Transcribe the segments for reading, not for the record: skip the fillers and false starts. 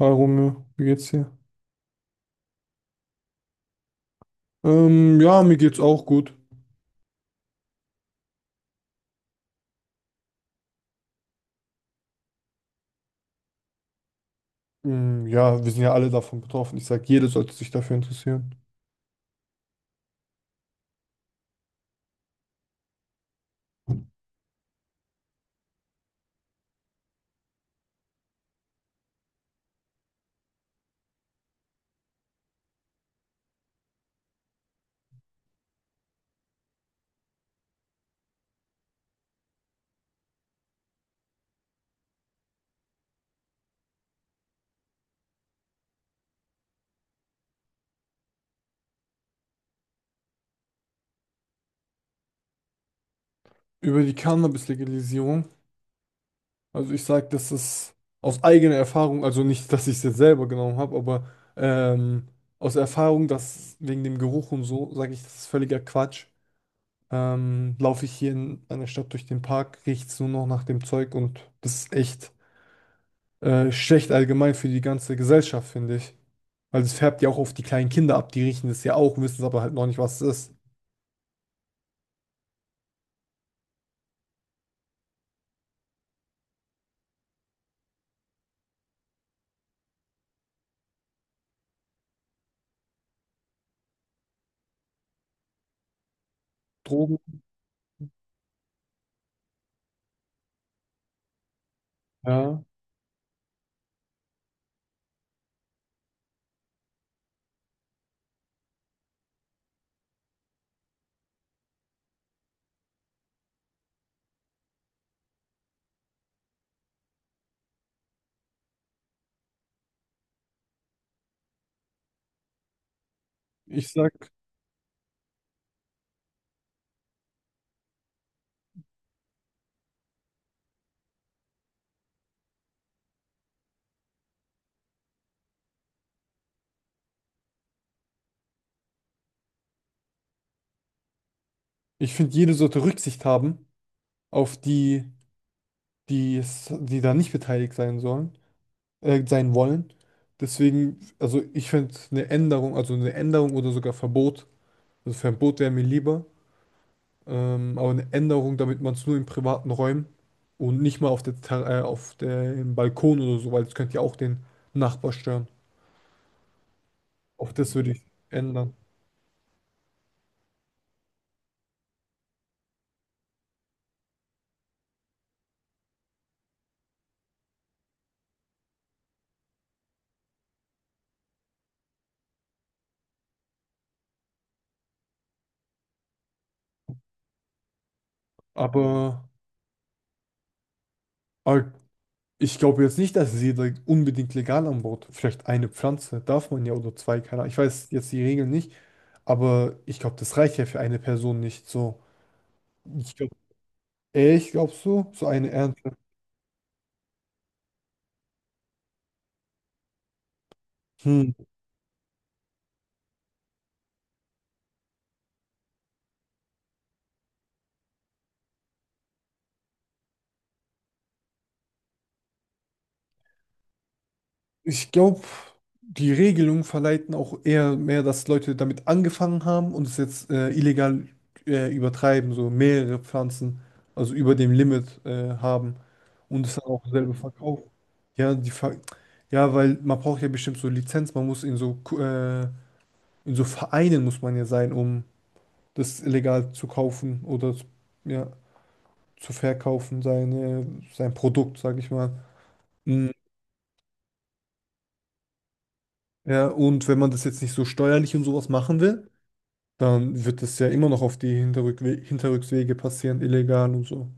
Hi Romeo, wie geht's dir? Ja, mir geht's auch gut. Ja, wir sind ja alle davon betroffen. Ich sag, jeder sollte sich dafür interessieren. Über die Cannabis-Legalisierung. Also ich sag, das ist aus eigener Erfahrung, also nicht, dass ich es jetzt selber genommen habe, aber ähm, aus Erfahrung, dass wegen dem Geruch und so, sage ich, das ist völliger Quatsch. Laufe ich hier in einer Stadt durch den Park, riecht's nur noch nach dem Zeug und das ist echt schlecht allgemein für die ganze Gesellschaft, finde ich. Weil es färbt ja auch auf die kleinen Kinder ab. Die riechen es ja auch, wissen es aber halt noch nicht, was es ist. Drogen, ja. Ich sag, ich finde, jede sollte Rücksicht haben auf die da nicht beteiligt sein sollen, sein wollen. Deswegen, also ich finde eine Änderung, also eine Änderung oder sogar Verbot, also Verbot wäre mir lieber, aber eine Änderung, damit man es nur in privaten Räumen und nicht mal auf auf dem Balkon oder so, weil das könnte ja auch den Nachbar stören. Auch das würde ich ändern. Aber Aber ich glaube jetzt nicht, dass sie da unbedingt legal anbaut. Vielleicht eine Pflanze darf man ja oder zwei, keine Ahnung. Ich weiß jetzt die Regeln nicht, aber ich glaube, das reicht ja für eine Person nicht. So, ich glaube, ich glaube so, so eine Ernte. Hm. Ich glaube, die Regelungen verleiten auch eher mehr, dass Leute damit angefangen haben und es jetzt illegal übertreiben, so mehrere Pflanzen, also über dem Limit haben. Und es dann auch selber verkaufen. Ja, die Ver Ja, weil man braucht ja bestimmt so Lizenz, man muss in so in so Vereinen muss man ja sein, um das illegal zu kaufen ja, zu verkaufen, sein Produkt, sag ich mal. Mm, ja, und wenn man das jetzt nicht so steuerlich und sowas machen will, dann wird das ja immer noch auf die Hinterrückswege passieren, illegal und so.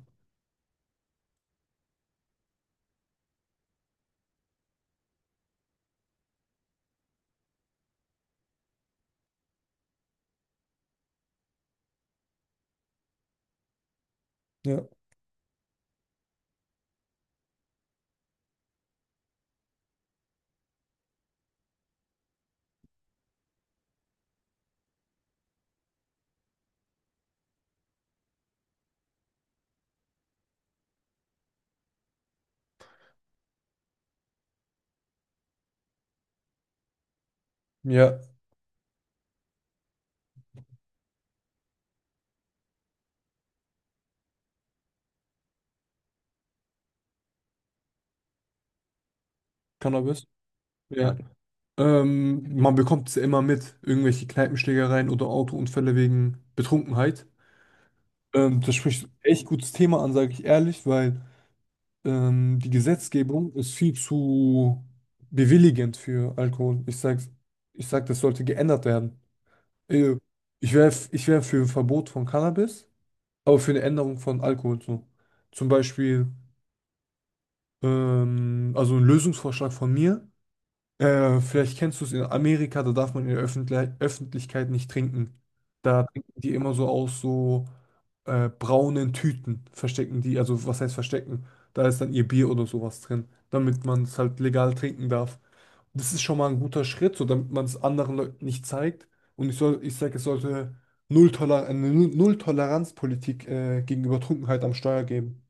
Ja. Ja, Cannabis. Ja. Man bekommt es ja immer mit, irgendwelche Kneipenschlägereien oder Autounfälle wegen Betrunkenheit. Das spricht ein echt gutes Thema an, sage ich ehrlich, weil die Gesetzgebung ist viel zu bewilligend für Alkohol. Ich sag, das sollte geändert werden. Äh, Ich wär für ein Verbot von Cannabis, aber für eine Änderung von Alkohol so. Zum Beispiel, also ein Lösungsvorschlag von mir. Vielleicht kennst du es in Amerika, da darf man in der Öffentlichkeit nicht trinken. Da trinken die immer so aus so braunen Tüten, verstecken die, also was heißt verstecken? Da ist dann ihr Bier oder sowas drin, damit man es halt legal trinken darf. Das ist schon mal ein guter Schritt, so damit man es anderen Leuten nicht zeigt. Und ich sage, es sollte Null-Toleranz-Politik gegenüber Trunkenheit am Steuer geben.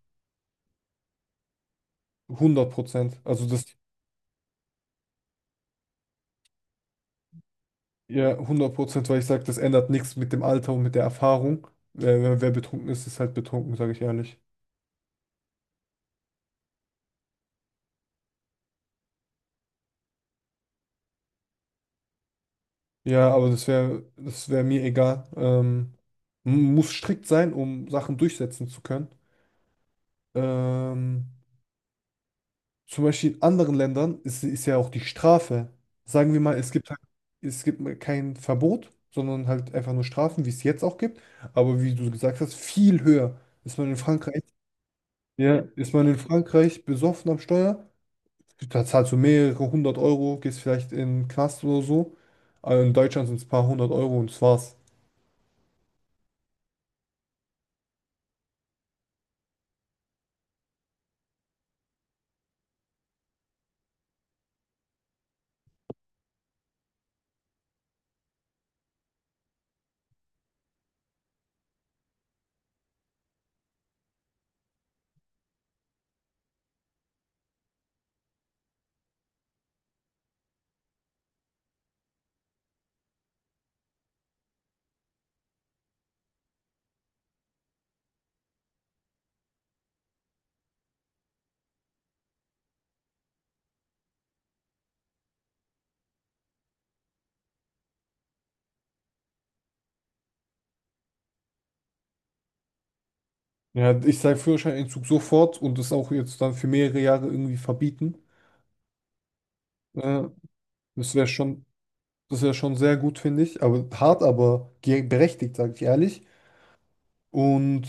Hundert Prozent. Also das. Ja, 100%, weil ich sage, das ändert nichts mit dem Alter und mit der Erfahrung. Wer betrunken ist, ist halt betrunken, sage ich ehrlich. Ja, aber das wär mir egal. Muss strikt sein, um Sachen durchsetzen zu können. Ähm, Zum Beispiel in anderen Ländern ist ja auch die Strafe. Sagen wir mal, es gibt kein Verbot, sondern halt einfach nur Strafen, wie es jetzt auch gibt. Aber wie du gesagt hast, viel höher. Ist man in Frankreich, Ja, ist man in Frankreich besoffen am Steuer? Da zahlst du mehrere hundert Euro, gehst vielleicht in den Knast oder so. Aber in Deutschland sind es ein paar hundert Euro und das war's. Ja, ich sage Führerscheinentzug sofort und das auch jetzt dann für mehrere Jahre irgendwie verbieten. Äh, das wäre schon, das wäre schon sehr gut, finde ich. Aber hart, aber berechtigt, sage ich ehrlich. Und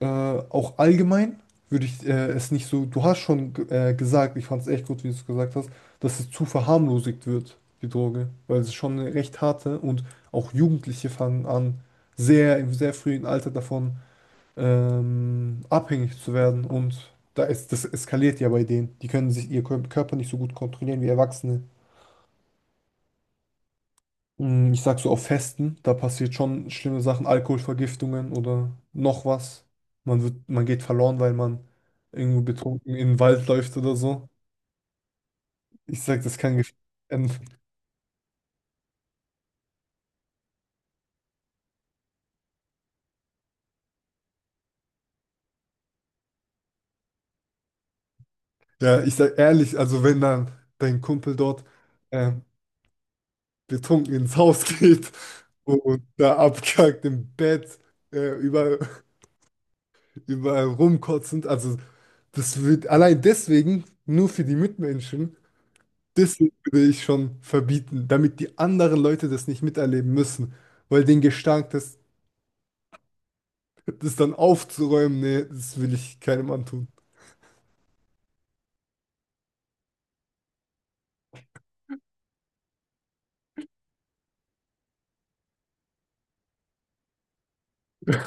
Auch allgemein würde ich es nicht so, du hast schon gesagt, ich fand es echt gut, wie du es gesagt hast, dass es zu verharmlosigt wird, die Droge, weil es ist schon eine recht harte und auch Jugendliche fangen an, sehr frühen Alter davon abhängig zu werden und das eskaliert ja bei denen. Die können sich ihr Körper nicht so gut kontrollieren wie Erwachsene. Mm, ich sag so auf Festen, da passiert schon schlimme Sachen, Alkoholvergiftungen oder noch was. Man geht verloren, weil man irgendwo betrunken in den Wald läuft oder so. Ich sag, das kann gefährlich enden. Ja, ich sag ehrlich, also wenn dann dein Kumpel dort ähm, betrunken ins Haus geht und da abkackt im Bett, überall, überall rumkotzend, also das wird allein deswegen nur für die Mitmenschen. Deswegen würde ich schon verbieten, damit die anderen Leute das nicht miterleben müssen. Weil den Gestank, das dann aufzuräumen, nee, das will ich keinem antun.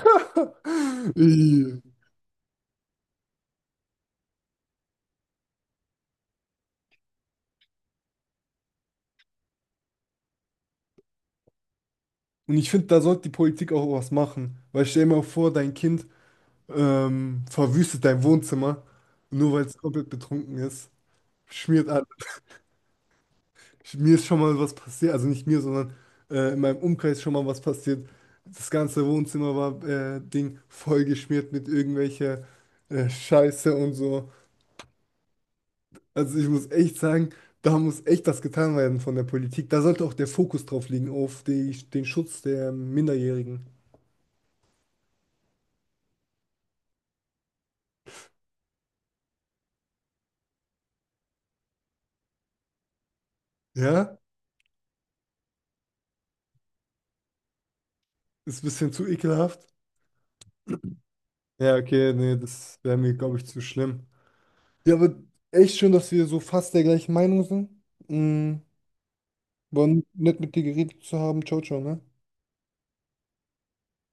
Ih. Und ich finde, da sollte die Politik auch was machen. Weil stell dir mal vor, dein Kind verwüstet dein Wohnzimmer, nur weil es komplett betrunken ist, schmiert alles. Mir ist schon mal was passiert, also nicht mir, sondern in meinem Umkreis schon mal was passiert. Das ganze Wohnzimmer war Ding vollgeschmiert mit irgendwelcher Scheiße und so. Also ich muss echt sagen, da muss echt das getan werden von der Politik. Da sollte auch der Fokus drauf liegen, auf den Schutz der Minderjährigen. Ja? Ist ein bisschen zu ekelhaft. Ja, okay, nee, das wäre mir, glaube ich, zu schlimm. Ja, aber echt schön, dass wir so fast der gleichen Meinung sind. Mm, war nett mit dir geredet zu haben. Ciao, ciao, ne?